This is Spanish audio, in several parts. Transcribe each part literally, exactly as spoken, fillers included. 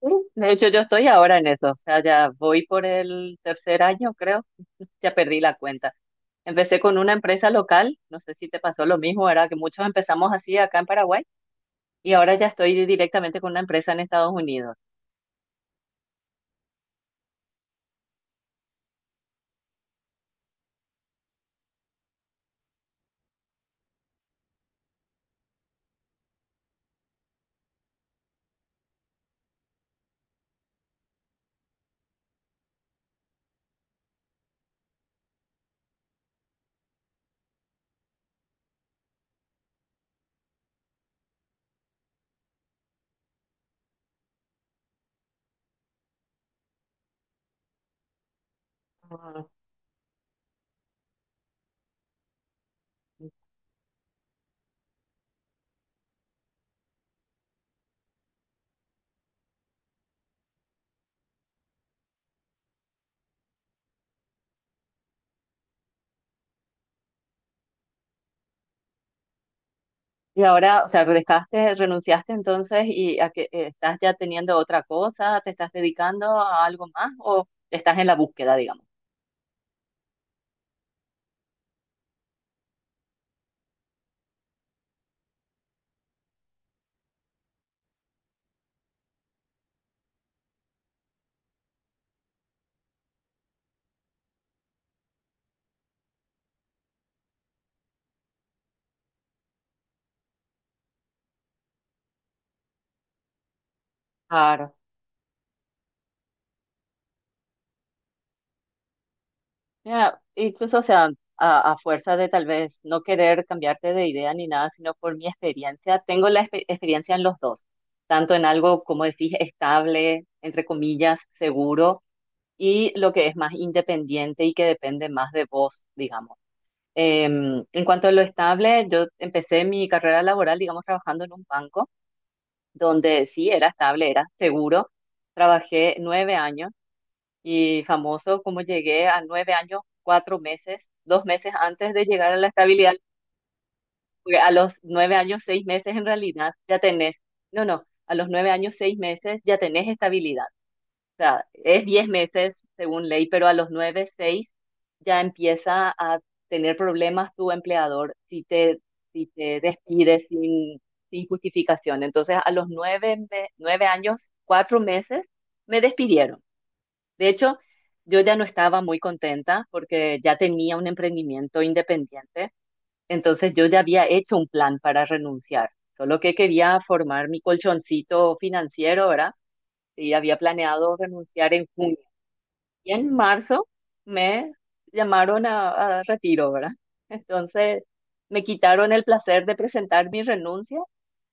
Sí, De hecho, yo estoy ahora en eso, o sea, ya voy por el tercer año, creo, ya perdí la cuenta. Empecé con una empresa local, no sé si te pasó lo mismo, ¿verdad? Que muchos empezamos así acá en Paraguay y ahora ya estoy directamente con una empresa en Estados Unidos. Ah, y ahora, o sea, dejaste, renunciaste entonces y a que eh, estás ya teniendo otra cosa, te estás dedicando a algo más o estás en la búsqueda, digamos. Claro. Ya, incluso, o sea, a, a fuerza de tal vez no querer cambiarte de idea ni nada, sino por mi experiencia, tengo la expe- experiencia en los dos, tanto en algo, como decís, estable, entre comillas, seguro, y lo que es más independiente y que depende más de vos, digamos. Em, en cuanto a lo estable, yo empecé mi carrera laboral, digamos, trabajando en un banco, donde sí era estable, era seguro. Trabajé nueve años y famoso como llegué a nueve años, cuatro meses, dos meses antes de llegar a la estabilidad, porque a los nueve años, seis meses en realidad ya tenés, no, no, a los nueve años, seis meses ya tenés estabilidad. O sea, es diez meses según ley, pero a los nueve, seis ya empieza a tener problemas tu empleador si te, si te despide sin, sin justificación. Entonces, a los nueve, me- nueve años, cuatro meses, me despidieron. De hecho, yo ya no estaba muy contenta porque ya tenía un emprendimiento independiente, entonces yo ya había hecho un plan para renunciar, solo que quería formar mi colchoncito financiero, ¿verdad? Y había planeado renunciar en junio. Y en marzo me llamaron a, a retiro, ¿verdad? Entonces me quitaron el placer de presentar mi renuncia,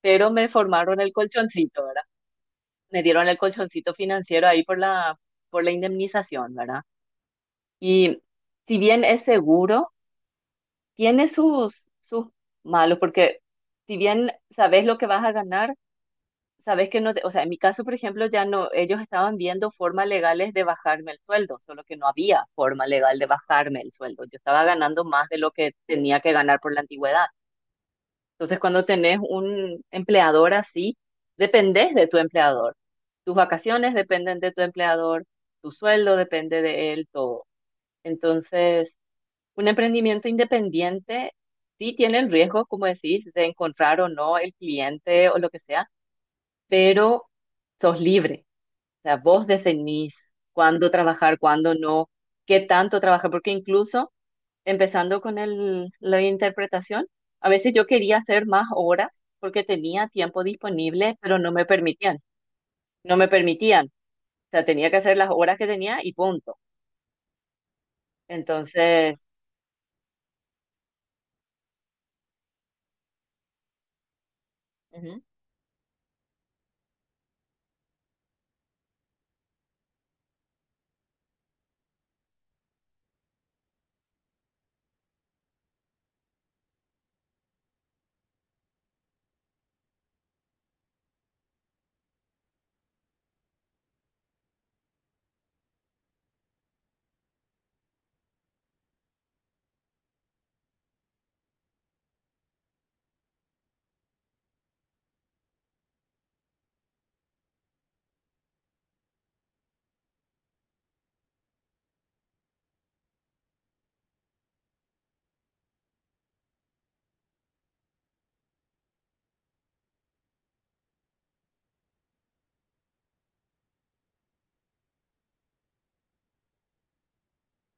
pero me formaron el colchoncito, ¿verdad? Me dieron el colchoncito financiero ahí por la, por la indemnización, ¿verdad? Y si bien es seguro, tiene sus, sus malos, porque si bien sabes lo que vas a ganar, sabes que no, te- o sea, en mi caso, por ejemplo, ya no, ellos estaban viendo formas legales de bajarme el sueldo, solo que no había forma legal de bajarme el sueldo. Yo estaba ganando más de lo que tenía que ganar por la antigüedad. Entonces, cuando tenés un empleador así, dependés de tu empleador. Tus vacaciones dependen de tu empleador, tu sueldo depende de él, todo. Entonces, Un emprendimiento independiente sí tiene el riesgo, como decís, de encontrar o no el cliente o lo que sea, pero sos libre. O sea, vos definís cuándo trabajar, cuándo no, qué tanto trabajar, porque incluso empezando con el, la interpretación, a veces yo quería hacer más horas porque tenía tiempo disponible, pero no me permitían, no me permitían. O sea, tenía que hacer las horas que tenía y punto. Entonces, ujú.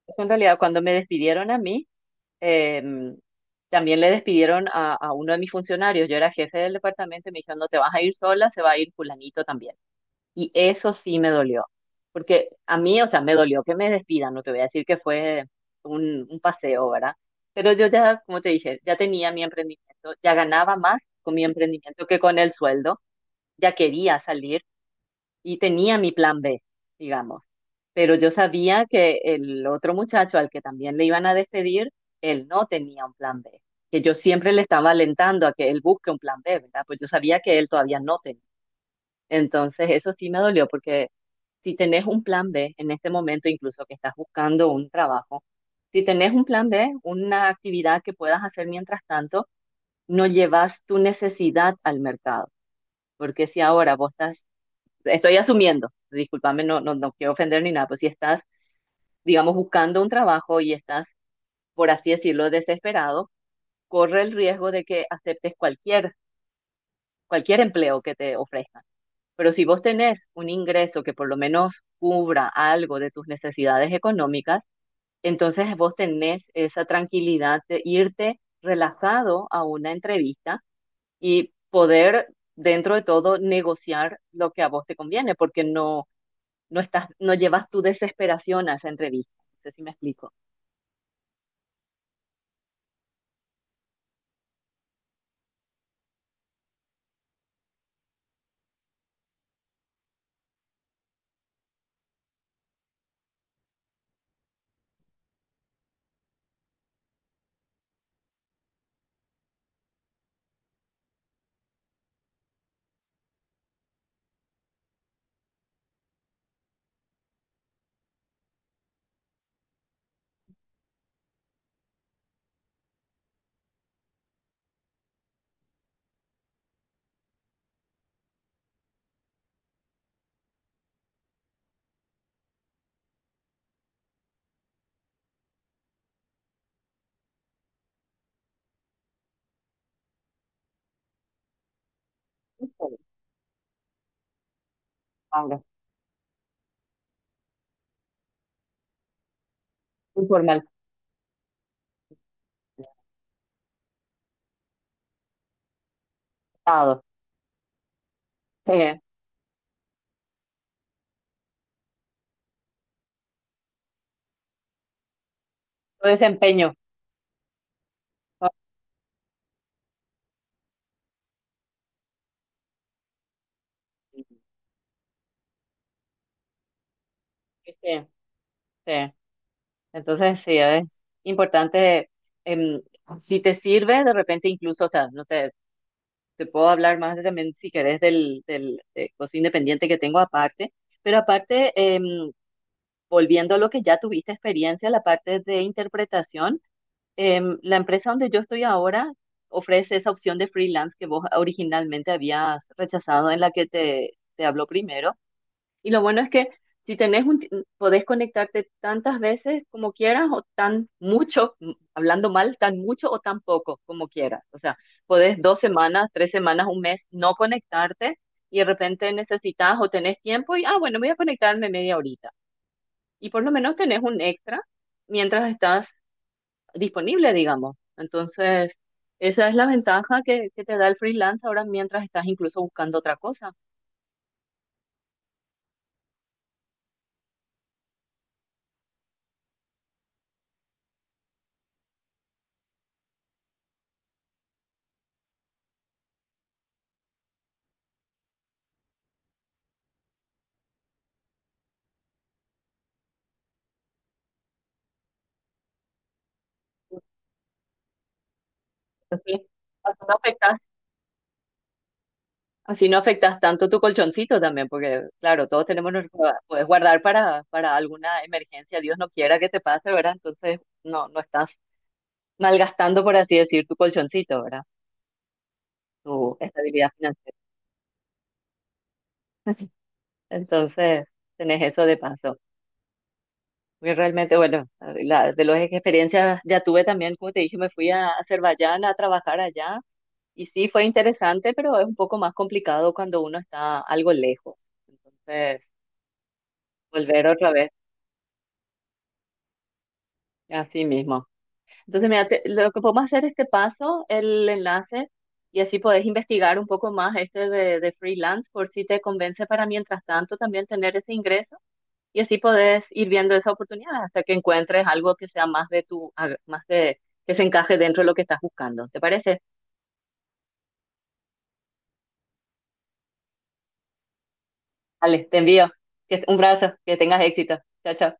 Eso en realidad cuando me despidieron a mí, Em, también le despidieron a, a uno de mis funcionarios, yo era jefe del departamento, y me dijeron, no te vas a ir sola, se va a ir fulanito también. Y eso sí me dolió, porque a mí, o sea, me dolió que me despidan, no te voy a decir que fue un, un paseo, ¿verdad? Pero yo ya, como te dije, ya tenía mi emprendimiento, ya ganaba más con mi emprendimiento que con el sueldo, ya quería salir y tenía mi plan be, digamos. Pero yo sabía que el otro muchacho al que también le iban a despedir, él no tenía un plan be, que yo siempre le estaba alentando a que él busque un plan be, ¿verdad? Pues yo sabía que él todavía no tenía. Entonces eso sí me dolió porque si tenés un plan B en este momento, incluso que estás buscando un trabajo, si tenés un plan be, una actividad que puedas hacer mientras tanto, no llevas tu necesidad al mercado. Porque si ahora vos estás estoy asumiendo, discúlpame, no, no, no quiero ofender ni nada, pues si estás, digamos, buscando un trabajo y estás, por así decirlo, desesperado, corre el riesgo de que aceptes cualquier, cualquier empleo que te ofrezcan. Pero si vos tenés un ingreso que por lo menos cubra algo de tus necesidades económicas, entonces vos tenés esa tranquilidad de irte relajado a una entrevista y poder, dentro de todo, negociar lo que a vos te conviene, porque no, no estás, no llevas tu desesperación a esa entrevista. No sé si me explico. Informal, muy formal. Estado. eh, tu desempeño. Ah, sí, sí. Entonces, sí, es importante, em, si te sirve, de repente incluso, o sea, no te, te puedo hablar más de también, si querés, del, del eh, costo independiente que tengo aparte, pero aparte, em, volviendo a lo que ya tuviste experiencia, la parte de interpretación, em, la empresa donde yo estoy ahora ofrece esa opción de freelance que vos originalmente habías rechazado en la que te, te habló primero. Y lo bueno es que si tenés un, ti- mm, podés conectarte tantas veces como quieras o tan mucho, mm, hablando mal, tan mucho o tan poco como quieras. O sea, podés dos semanas, tres semanas, un mes no conectarte y de repente necesitas o tenés tiempo y, ah, bueno, voy a conectarme media horita. Y por lo menos tenés un extra mientras estás disponible, digamos. Entonces, esa es la ventaja que, que te da el freelance ahora mientras estás incluso buscando otra cosa. Así, así no afectas, así no afectas tanto tu colchoncito también, porque claro, todos tenemos, nuestro- puedes guardar para, para alguna emergencia, Dios no quiera que te pase, ¿verdad? Entonces, no, no estás malgastando, por así decir, tu colchoncito, ¿verdad? Tu estabilidad financiera. Entonces, tenés eso de paso. Porque realmente, bueno, la- de las experiencias ya tuve también, como te dije, me fui a Azerbaiyán a trabajar allá y sí fue interesante, pero es un poco más complicado cuando uno está algo lejos. Entonces, volver otra vez, así mismo. Entonces, mira, te- lo que podemos hacer es este paso, el enlace, y así podés investigar un poco más este de, de freelance por si te convence para mientras tanto también tener ese ingreso. Y así podés ir viendo esa oportunidad hasta que encuentres algo que sea más de tu, ag- más de, que se encaje dentro de lo que estás buscando. ¿Te parece? Ale, te envío. Que- Un brazo, que tengas éxito. Chao, chao.